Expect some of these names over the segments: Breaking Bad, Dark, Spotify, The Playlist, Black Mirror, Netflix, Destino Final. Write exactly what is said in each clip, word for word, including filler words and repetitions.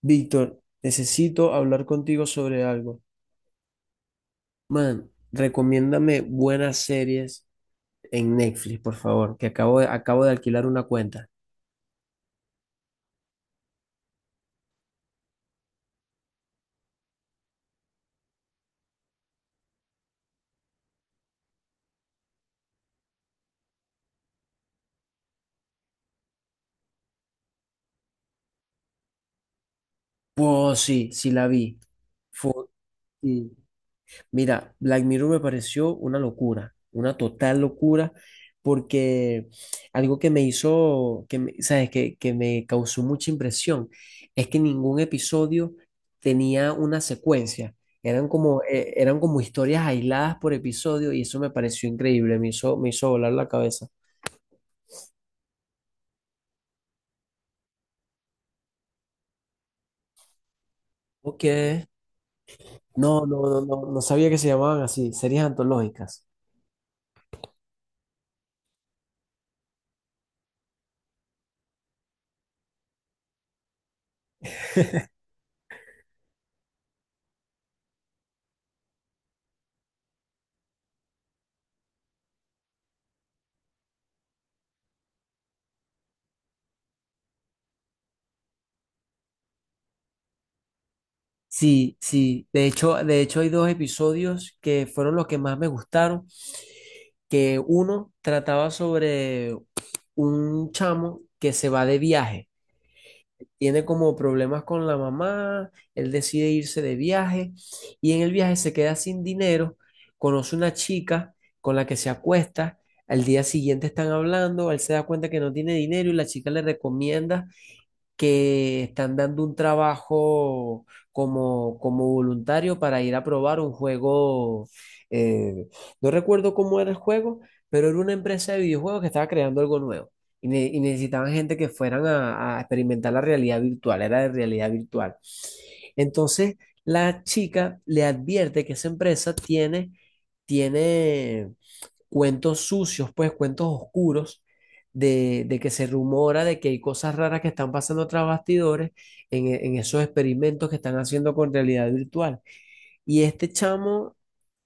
Víctor, necesito hablar contigo sobre algo. Man, recomiéndame buenas series en Netflix, por favor, que acabo de, acabo de alquilar una cuenta. Oh, sí, sí la vi. Fue, Mira, Black Mirror me pareció una locura, una total locura, porque algo que me hizo, que me- ¿sabes? Que, que me causó mucha impresión es que ningún episodio tenía una secuencia. Eran como, eh, eran como historias aisladas por episodio y eso me pareció increíble, me hizo, me hizo volar la cabeza. Ok. No, no, no, no, no sabía que se llamaban así, series antológicas. Sí, sí, de hecho, de hecho hay dos episodios que fueron los que más me gustaron, que uno trataba sobre un chamo que se va de viaje. Tiene como problemas con la mamá, él decide irse de viaje y en el viaje se queda sin dinero, conoce una chica con la que se acuesta, al día siguiente están hablando, él se da cuenta que no tiene dinero y la chica le recomienda que están dando un trabajo como, como voluntario para ir a probar un juego. eh, no recuerdo cómo era el juego, pero era una empresa de videojuegos que estaba creando algo nuevo. Y, ne- y necesitaban gente que fueran a, a experimentar la realidad virtual, era de realidad virtual. Entonces, la chica le advierte que esa empresa tiene, tiene cuentos sucios, pues cuentos oscuros, de, de que se rumora de que hay cosas raras que están pasando tras bastidores en, e- en esos experimentos que están haciendo con realidad virtual. Y este chamo,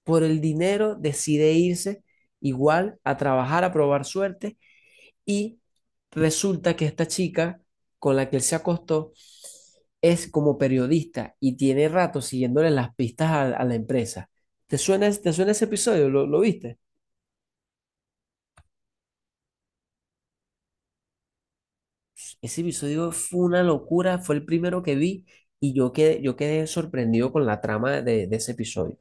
por el dinero, decide irse igual a trabajar, a probar suerte, y resulta que esta chica con la que él se acostó es como periodista y tiene rato siguiéndole las pistas a, a la empresa. ¿Te suena, te suena ese episodio? ¿Lo, lo viste? Ese episodio fue una locura, fue el primero que vi y yo quedé, yo quedé sorprendido con la trama de, de ese episodio.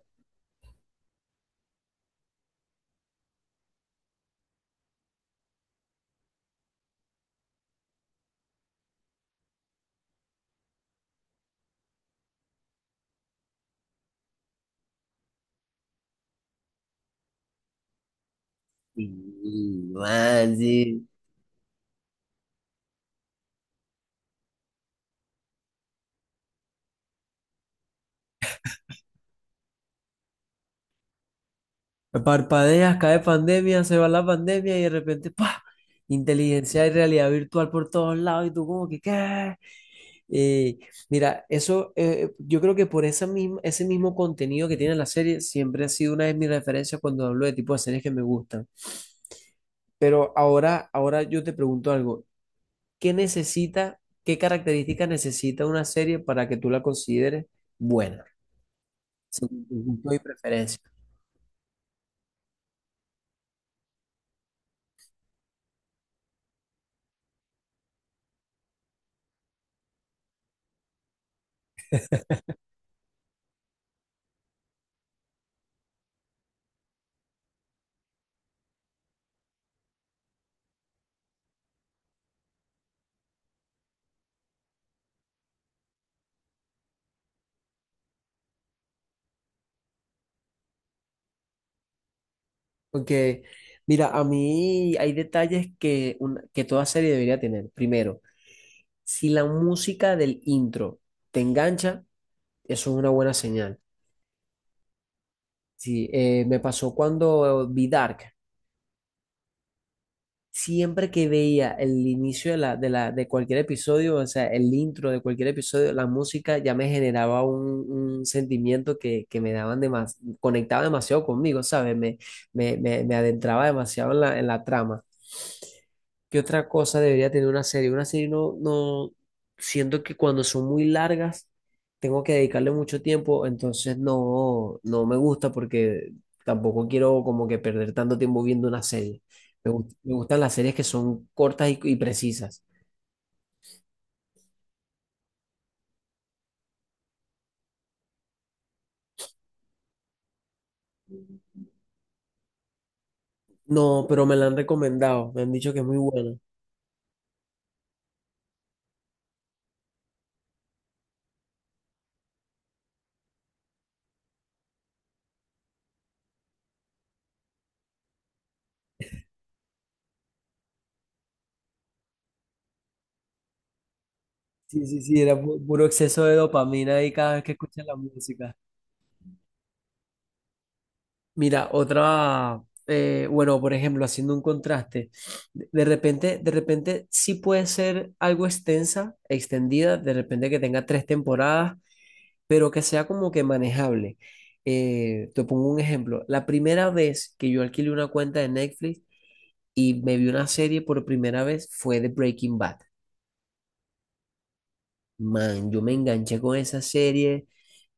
Y, man, sí. Parpadeas, cae pandemia, se va la pandemia y de repente, ¡pa! Inteligencia y realidad virtual por todos lados y tú como que, ¿qué? Eh, Mira, eso, eh, yo creo que por esa misma, ese mismo contenido que tiene la serie siempre ha sido una de mis referencias cuando hablo de tipo de series que me gustan. Pero ahora, ahora yo te pregunto algo. ¿Qué necesita, qué características necesita una serie para que tú la consideres buena, según tu gusto y preferencia? Porque, mira, a mí hay detalles que, una- que toda serie debería tener. Primero, si la música del intro te engancha, eso es una buena señal. Sí, eh, me pasó cuando eh, vi Dark. Siempre que veía el inicio de, la, de, la, de cualquier episodio, o sea, el intro de cualquier episodio, la música ya me generaba un, un sentimiento que, que me daban demas, conectaba demasiado conmigo, ¿sabes? Me, me, me, me adentraba demasiado en la, en la trama. ¿Qué otra cosa debería tener una serie? Una serie no, no, Siento que cuando son muy largas tengo que dedicarle mucho tiempo, entonces no, no me gusta porque tampoco quiero como que perder tanto tiempo viendo una serie. Me, gust- me gustan las series que son cortas y, y precisas. No, pero me la han recomendado, me han dicho que es muy buena. Sí, sí, sí, era pu- puro exceso de dopamina ahí cada vez que escuchas la música. Mira, otra, eh, bueno, por ejemplo, haciendo un contraste, de de repente, de repente sí puede ser algo extensa, extendida, de repente que tenga tres temporadas, pero que sea como que manejable. Eh, te pongo un ejemplo. La primera vez que yo alquilé una cuenta de Netflix y me vi una serie por primera vez fue de Breaking Bad. Man, yo me enganché con esa serie.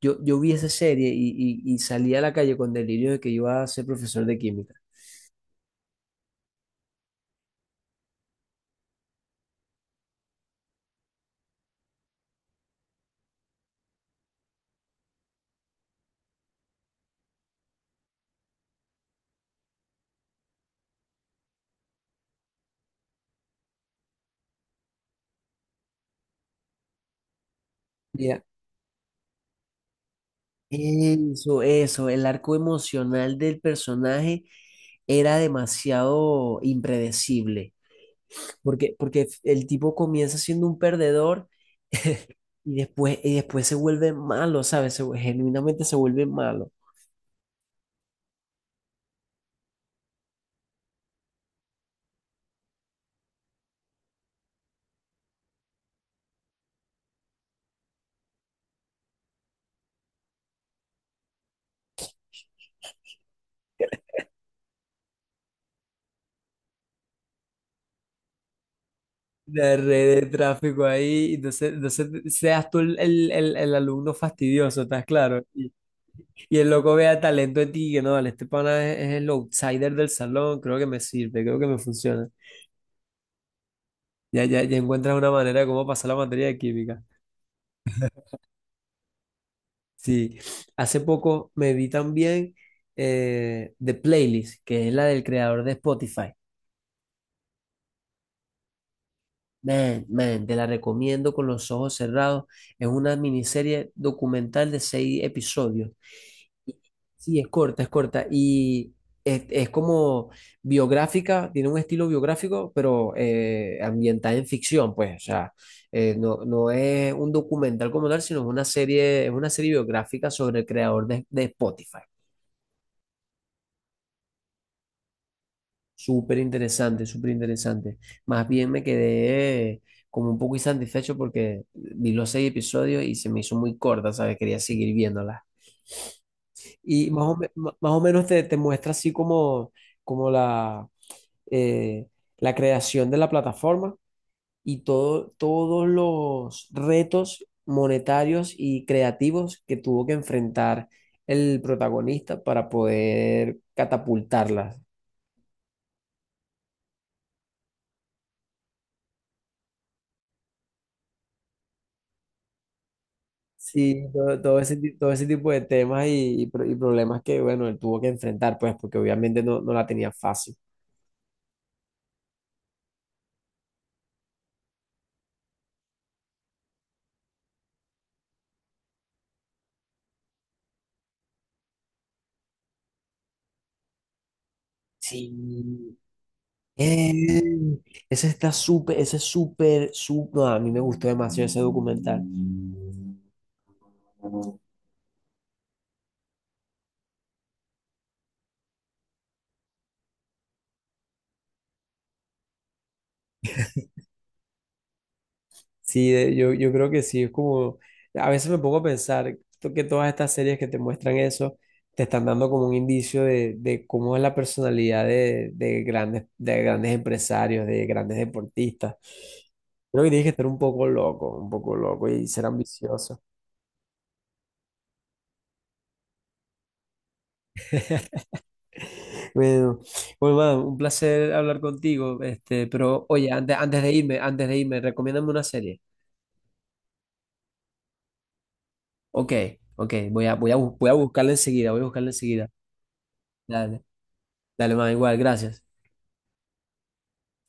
Yo, yo vi esa serie y, y, y salí a la calle con delirio de que iba a ser profesor de química. Eso, eso, el arco emocional del personaje era demasiado impredecible, porque, porque el tipo comienza siendo un perdedor y después, y después se vuelve malo, ¿sabes? Se vu- genuinamente se vuelve malo. La red de tráfico ahí, entonces, entonces seas tú el, el- el- el alumno fastidioso, ¿estás claro? Y, y el loco vea talento en ti, que no, vale, este pana es, es el outsider del salón, creo que me sirve, creo que me funciona. Ya, ya, ya encuentras una manera de cómo pasar la materia de química. Sí, hace poco me vi también eh, The Playlist, que es la del creador de Spotify. Man, man, te la recomiendo con los ojos cerrados. Es una miniserie documental de seis episodios. Sí, es corta, es corta. Y es, es como biográfica, tiene un estilo biográfico, pero eh, ambientada en ficción, pues. O sea, eh, no, no es un documental como tal, sino es una serie, es una serie biográfica sobre el creador de, de Spotify. Súper interesante, súper interesante. Más bien me quedé eh, como un poco insatisfecho porque vi los seis episodios y se me hizo muy corta, ¿sabes? Quería seguir viéndola. Y más o, me- más o menos te, te muestra así como, como la eh, la creación de la plataforma y todo, todos los retos monetarios y creativos que tuvo que enfrentar el protagonista para poder catapultarla. Sí, todo, todo ese, ti- todo ese tipo de temas y, y pro- y problemas que, bueno, él tuvo que enfrentar, pues, porque obviamente no, no la tenía fácil. Sí. Eh, Ese está súper, ese es súper, súper, no, a mí me gustó demasiado ese documental. Sí, de- yo, yo creo que sí, es como, a veces me pongo a pensar to- que todas estas series que te muestran eso, te están dando como un indicio de, de cómo es la personalidad de, de grandes, de grandes empresarios, de grandes deportistas. Creo que tienes que estar un poco loco, un poco loco y ser ambicioso. Bueno, bueno, man, un placer hablar contigo, este, pero oye, antes, antes de irme, antes de irme, recomiéndame una serie. Ok, ok, voy a, voy a, bu- voy a buscarla enseguida, voy a buscarla enseguida. Dale, dale, man, igual, gracias.